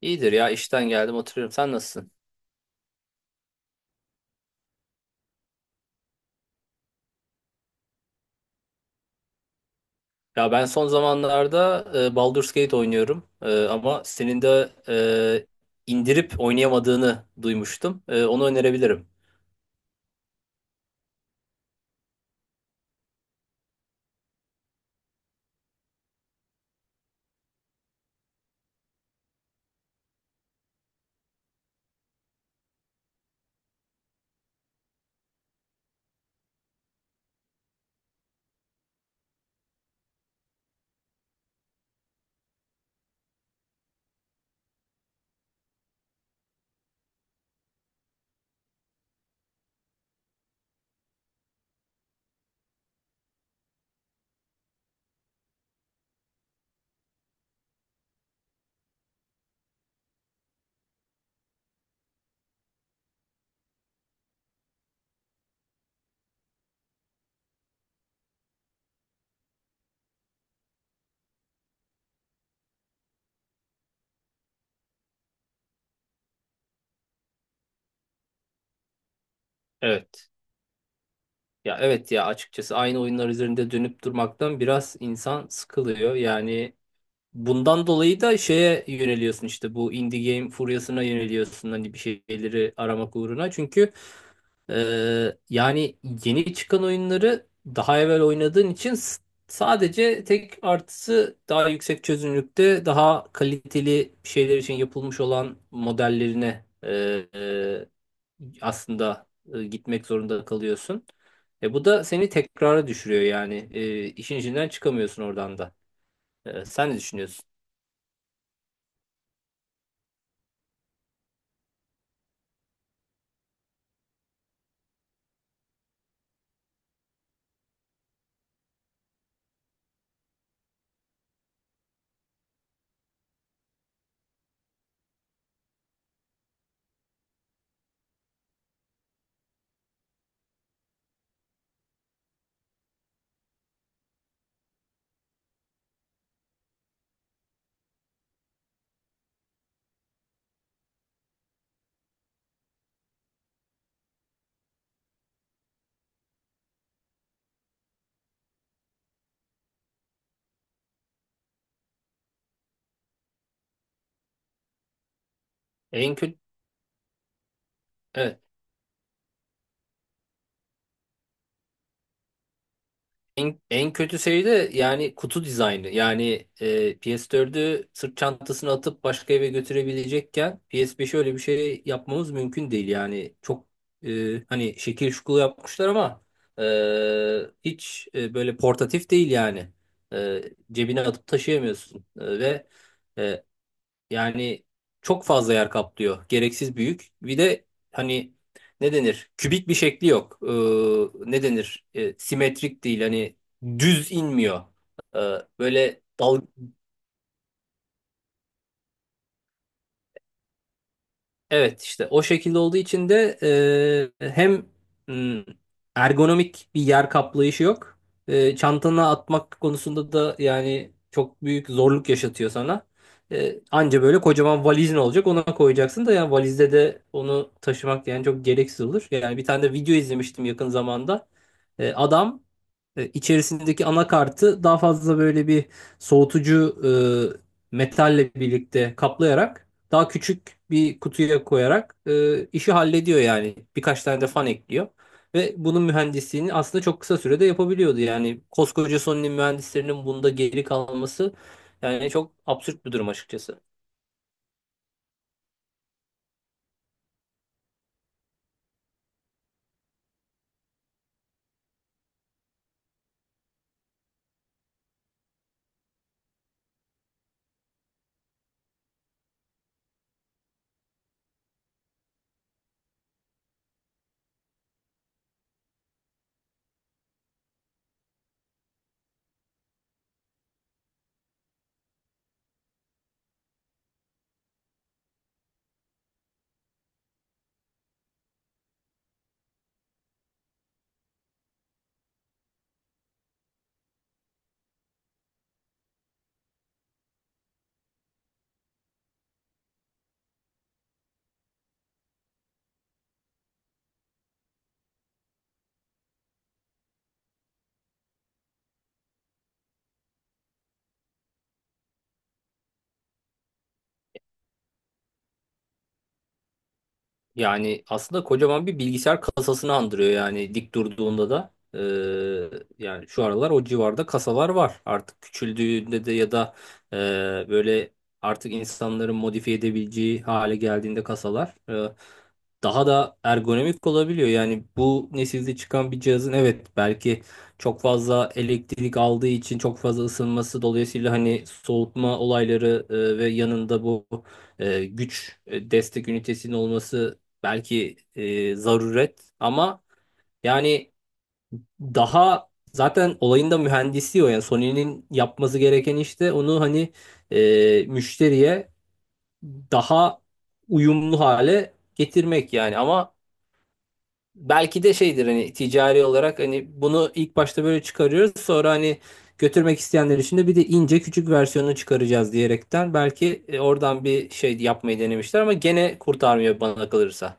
İyidir ya işten geldim oturuyorum. Sen nasılsın? Ya ben son zamanlarda Baldur's Gate oynuyorum. Ama senin de indirip oynayamadığını duymuştum. Onu önerebilirim. Evet. Ya evet, ya açıkçası aynı oyunlar üzerinde dönüp durmaktan biraz insan sıkılıyor. Yani bundan dolayı da şeye yöneliyorsun, işte bu indie game furyasına yöneliyorsun hani, bir şeyleri aramak uğruna. Çünkü yani yeni çıkan oyunları daha evvel oynadığın için sadece tek artısı daha yüksek çözünürlükte daha kaliteli şeyler için yapılmış olan modellerine e, aslında gitmek zorunda kalıyorsun. Bu da seni tekrara düşürüyor, yani işin içinden çıkamıyorsun oradan da. Sen ne düşünüyorsun? En kötü en kötü şey de yani kutu dizaynı. Yani PS4'ü sırt çantasına atıp başka eve götürebilecekken PS5'e öyle bir şey yapmamız mümkün değil. Yani çok hani şekil şukulu yapmışlar ama e, hiç böyle portatif değil yani. E, Cebine atıp taşıyamıyorsun. Ve e, yani çok fazla yer kaplıyor. Gereksiz büyük. Bir de hani, ne denir? Kübik bir şekli yok. Ne denir? Simetrik değil. Hani düz inmiyor. Ee, böyle dal Evet, işte o şekilde olduğu için de hem mm, ergonomik bir yer kaplayışı yok. Çantana atmak konusunda da yani çok büyük zorluk yaşatıyor sana. Anca böyle kocaman valizin olacak, ona koyacaksın da yani valizde de onu taşımak yani çok gereksiz olur. Yani bir tane de video izlemiştim yakın zamanda. Adam içerisindeki anakartı daha fazla böyle bir soğutucu metalle birlikte kaplayarak daha küçük bir kutuya koyarak işi hallediyor yani. Birkaç tane de fan ekliyor. Ve bunun mühendisliğini aslında çok kısa sürede yapabiliyordu. Yani koskoca Sony'nin mühendislerinin bunda geri kalması yani çok absürt bir durum açıkçası. Yani aslında kocaman bir bilgisayar kasasını andırıyor yani, dik durduğunda da. Yani şu aralar o civarda kasalar var. Artık küçüldüğünde de, ya da e, böyle artık insanların modifiye edebileceği hale geldiğinde kasalar daha da ergonomik olabiliyor. Yani bu nesilde çıkan bir cihazın, evet belki çok fazla elektrik aldığı için çok fazla ısınması dolayısıyla hani soğutma olayları ve yanında bu güç destek ünitesinin olması belki zaruret ama yani daha zaten olayın da mühendisi o. Yani Sony'nin yapması gereken işte onu, hani müşteriye daha uyumlu hale getirmek yani ama belki de şeydir, hani ticari olarak hani bunu ilk başta böyle çıkarıyoruz, sonra hani götürmek isteyenler için de bir de ince küçük versiyonunu çıkaracağız diyerekten belki oradan bir şey yapmayı denemişler ama gene kurtarmıyor bana kalırsa.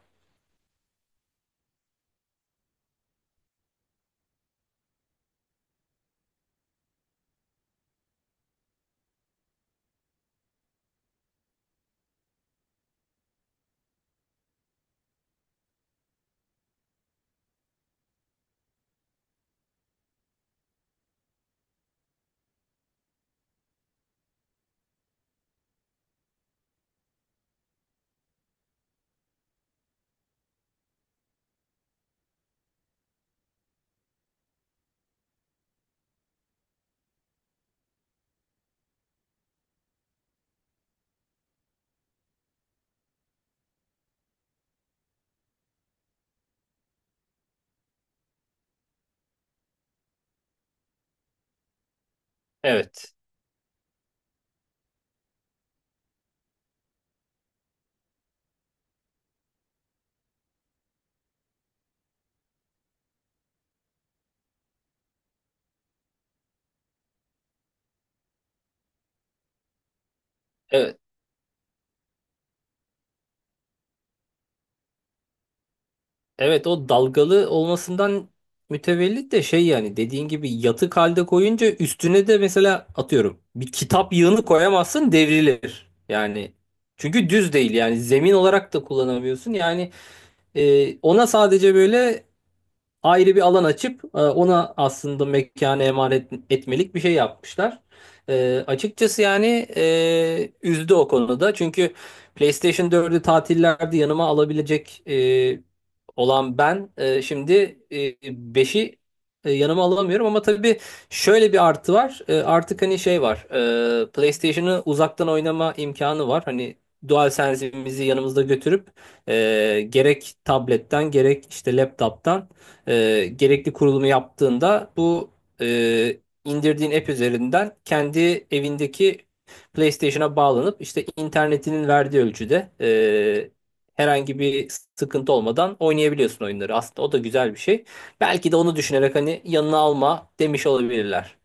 Evet. Evet. Evet, o dalgalı olmasından mütevellit de şey yani, dediğin gibi yatık halde koyunca üstüne de mesela atıyorum bir kitap yığını koyamazsın, devrilir. Yani çünkü düz değil yani, zemin olarak da kullanamıyorsun. Yani ona sadece böyle ayrı bir alan açıp ona aslında mekanı emanet etmelik bir şey yapmışlar. Açıkçası yani üzdü o konuda. Çünkü PlayStation 4'ü tatillerde yanıma alabilecek olan ben şimdi 5'i yanıma alamıyorum ama tabii şöyle bir artı var. Artık hani şey var. PlayStation'ı uzaktan oynama imkanı var. Hani DualSense'imizi yanımızda götürüp gerek tabletten gerek işte laptop'tan gerekli kurulumu yaptığında bu indirdiğin app üzerinden kendi evindeki PlayStation'a bağlanıp işte internetinin verdiği ölçüde herhangi bir sıkıntı olmadan oynayabiliyorsun oyunları. Aslında o da güzel bir şey. Belki de onu düşünerek hani yanına alma demiş olabilirler.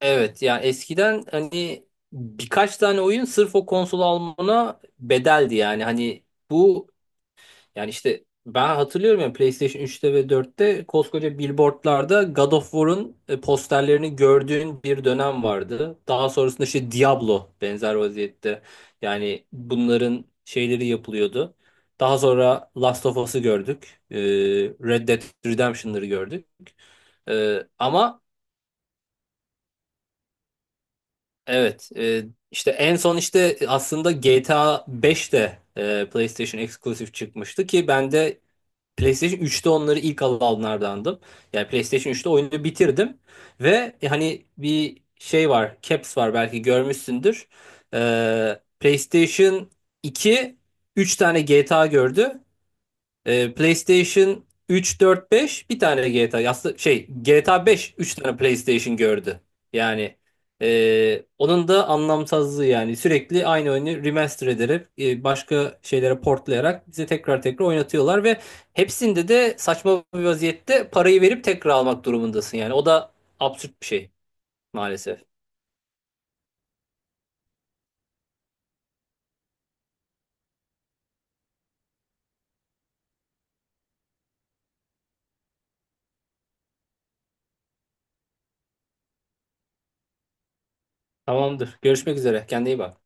Evet, yani eskiden hani birkaç tane oyun sırf o konsolu almana bedeldi yani, hani. Bu Yani işte ben hatırlıyorum ya, PlayStation 3'te ve 4'te koskoca billboardlarda God of War'un posterlerini gördüğün bir dönem vardı. Daha sonrasında işte Diablo benzer vaziyette. Yani bunların şeyleri yapılıyordu. Daha sonra Last of Us'ı gördük. Red Dead Redemption'ları gördük. Ama evet işte en son işte aslında GTA 5 de PlayStation Exclusive çıkmıştı ki ben de PlayStation 3'te onları ilk alanlardandım. Yani PlayStation 3'te oyunu bitirdim ve hani bir şey var, caps var belki görmüşsündür. PlayStation 2 3 tane GTA gördü. PlayStation 3, 4, 5 bir tane GTA. Aslında şey, GTA 5 3 tane PlayStation gördü. Yani onun da anlamsızlığı yani sürekli aynı oyunu remaster ederek başka şeylere portlayarak bize tekrar tekrar oynatıyorlar ve hepsinde de saçma bir vaziyette parayı verip tekrar almak durumundasın yani. O da absürt bir şey maalesef. Tamamdır. Görüşmek üzere. Kendine iyi bak.